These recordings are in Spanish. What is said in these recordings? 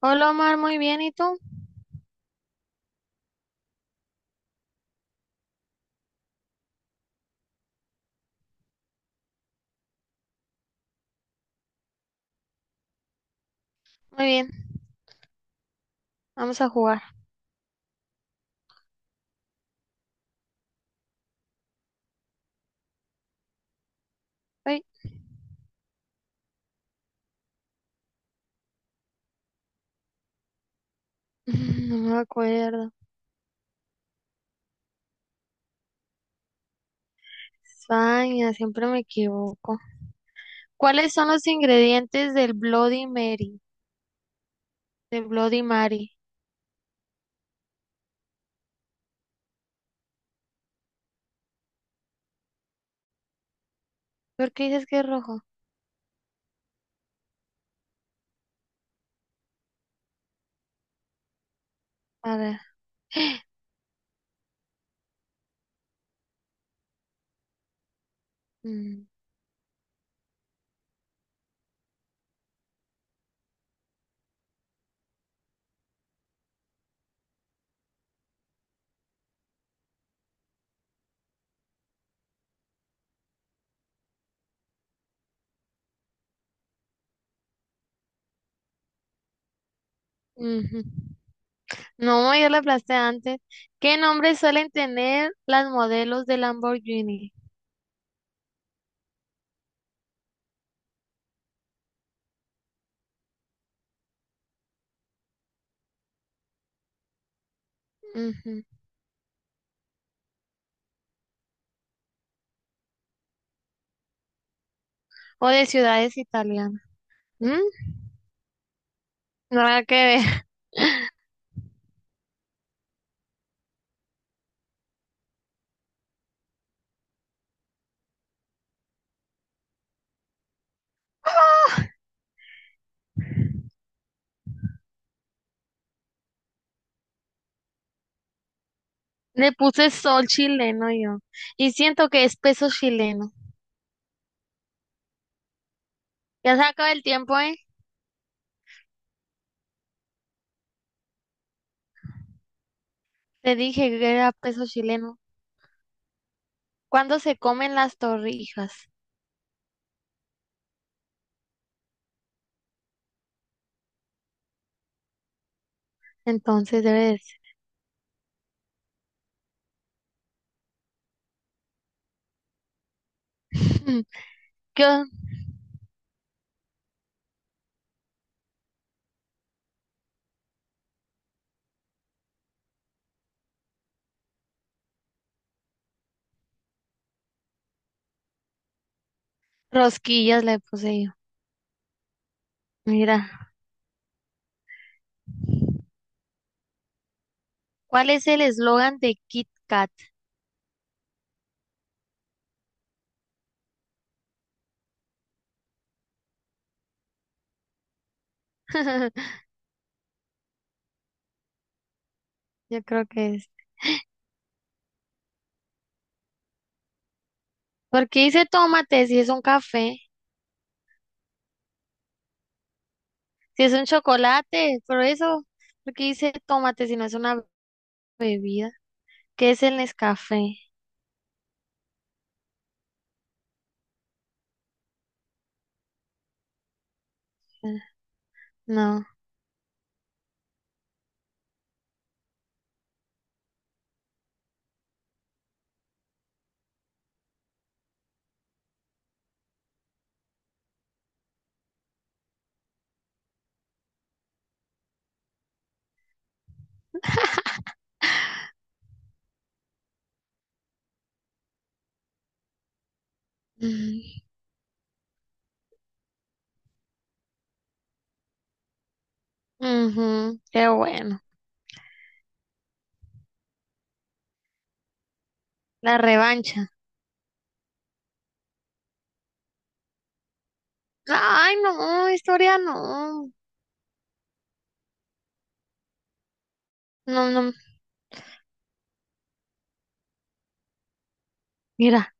Hola Omar, muy bien, ¿y tú? Muy bien, vamos a jugar. Ay, no me acuerdo. España, siempre me equivoco. ¿Cuáles son los ingredientes del Bloody Mary? Del Bloody Mary. ¿Por qué dices que es rojo? A ver. Mm, ujú. No, yo la aplasté antes. ¿Qué nombres suelen tener las modelos de Lamborghini? Ujú. O de ciudades italianas. ¿Mm? Nada que ver. Le puse sol chileno yo. Y siento que es peso chileno. Ya se acaba el tiempo, ¿eh? Te dije que era peso chileno. ¿Cuándo se comen las torrijas? Entonces debe de ser. ¿Qué o- ¿Rosquillas le puse yo? Mira, ¿cuál es el eslogan de Kit Kat? Yo creo que es. ¿Por qué dice tómate si es un café? Si es un chocolate, pero eso, ¿por qué dice tómate si no es una bebida? ¿Qué es el Nescafé? Ah, no. Ujú, qué bueno. La revancha. Ay, no, historia no. No, no. Mira,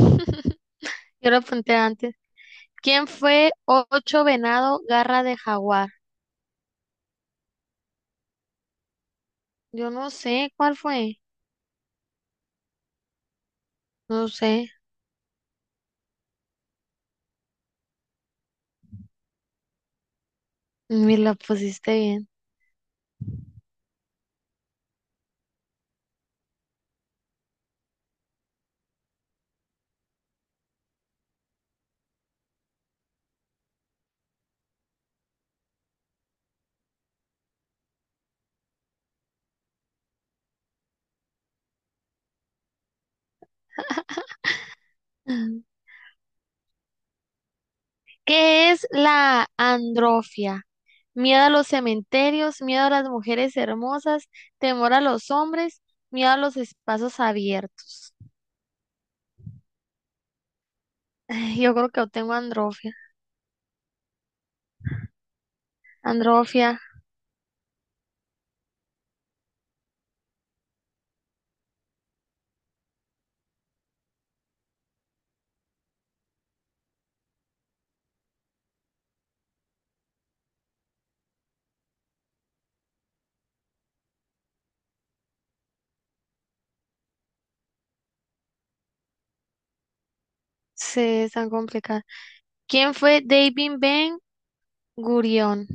yo lo apunté antes. ¿Quién fue ocho venado, garra de jaguar? Yo no sé cuál fue. No sé. Ni la pusiste bien. ¿Qué es la androfia? Miedo a los cementerios, miedo a las mujeres hermosas, temor a los hombres, miedo a los espacios abiertos. Ay, yo creo que yo tengo androfia. Androfia. Sí, es tan complicado. ¿Quién fue David Ben Gurión?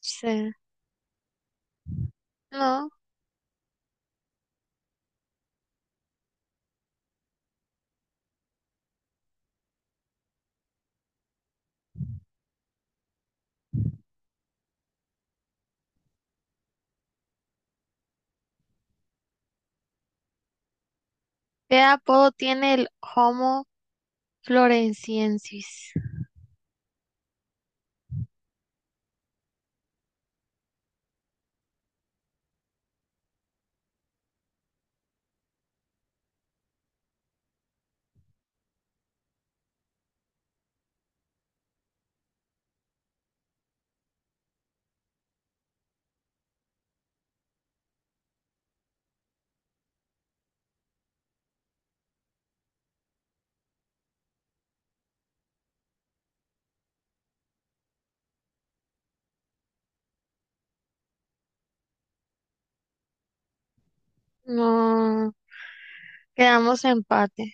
Sí. No. ¿Qué apodo tiene el Homo floresiensis? No. Quedamos empate.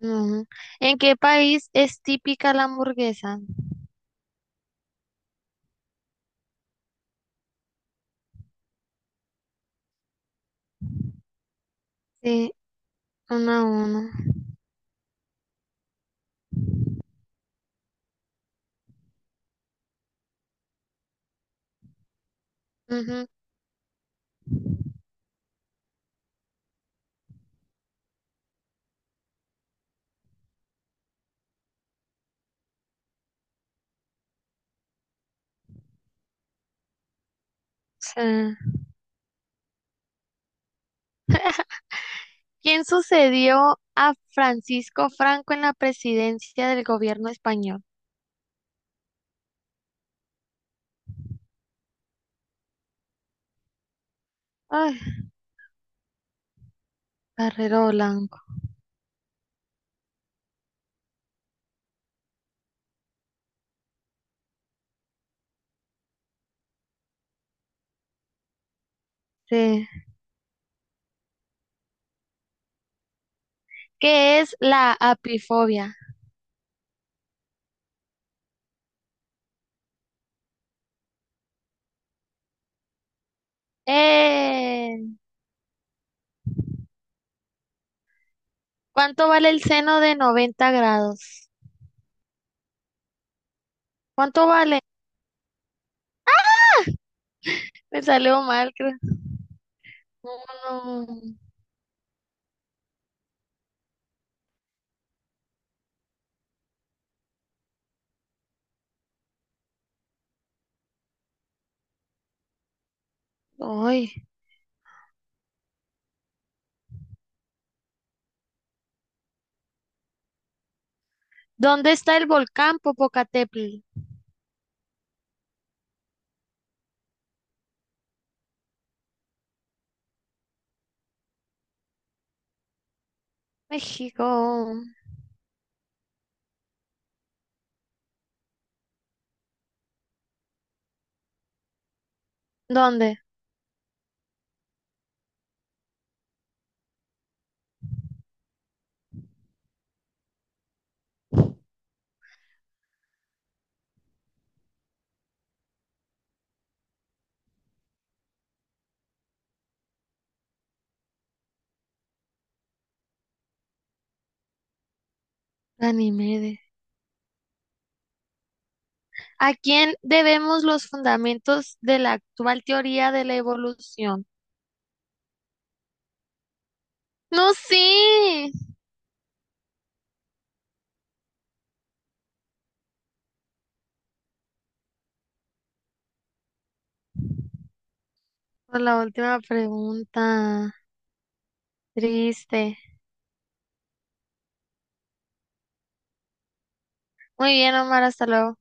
No. ¿En qué país es típica la hamburguesa? Sí, uno a uno. Ujú, sí. ¿Quién sucedió a Francisco Franco en la presidencia del gobierno español? Ay, Barrero Blanco. Sí. ¿Qué es la apifobia? Eh, ¿Cuánto vale el seno de 90°? ¿Cuánto vale? Me salió mal, creo. No, no. Ay. ¿Dónde está el volcán Popocatépetl? México. ¿Dónde? Ganímede. ¿A quién debemos los fundamentos de la actual teoría de la evolución? No, sí. Por la última pregunta. Triste. Muy bien, Omar, hasta luego.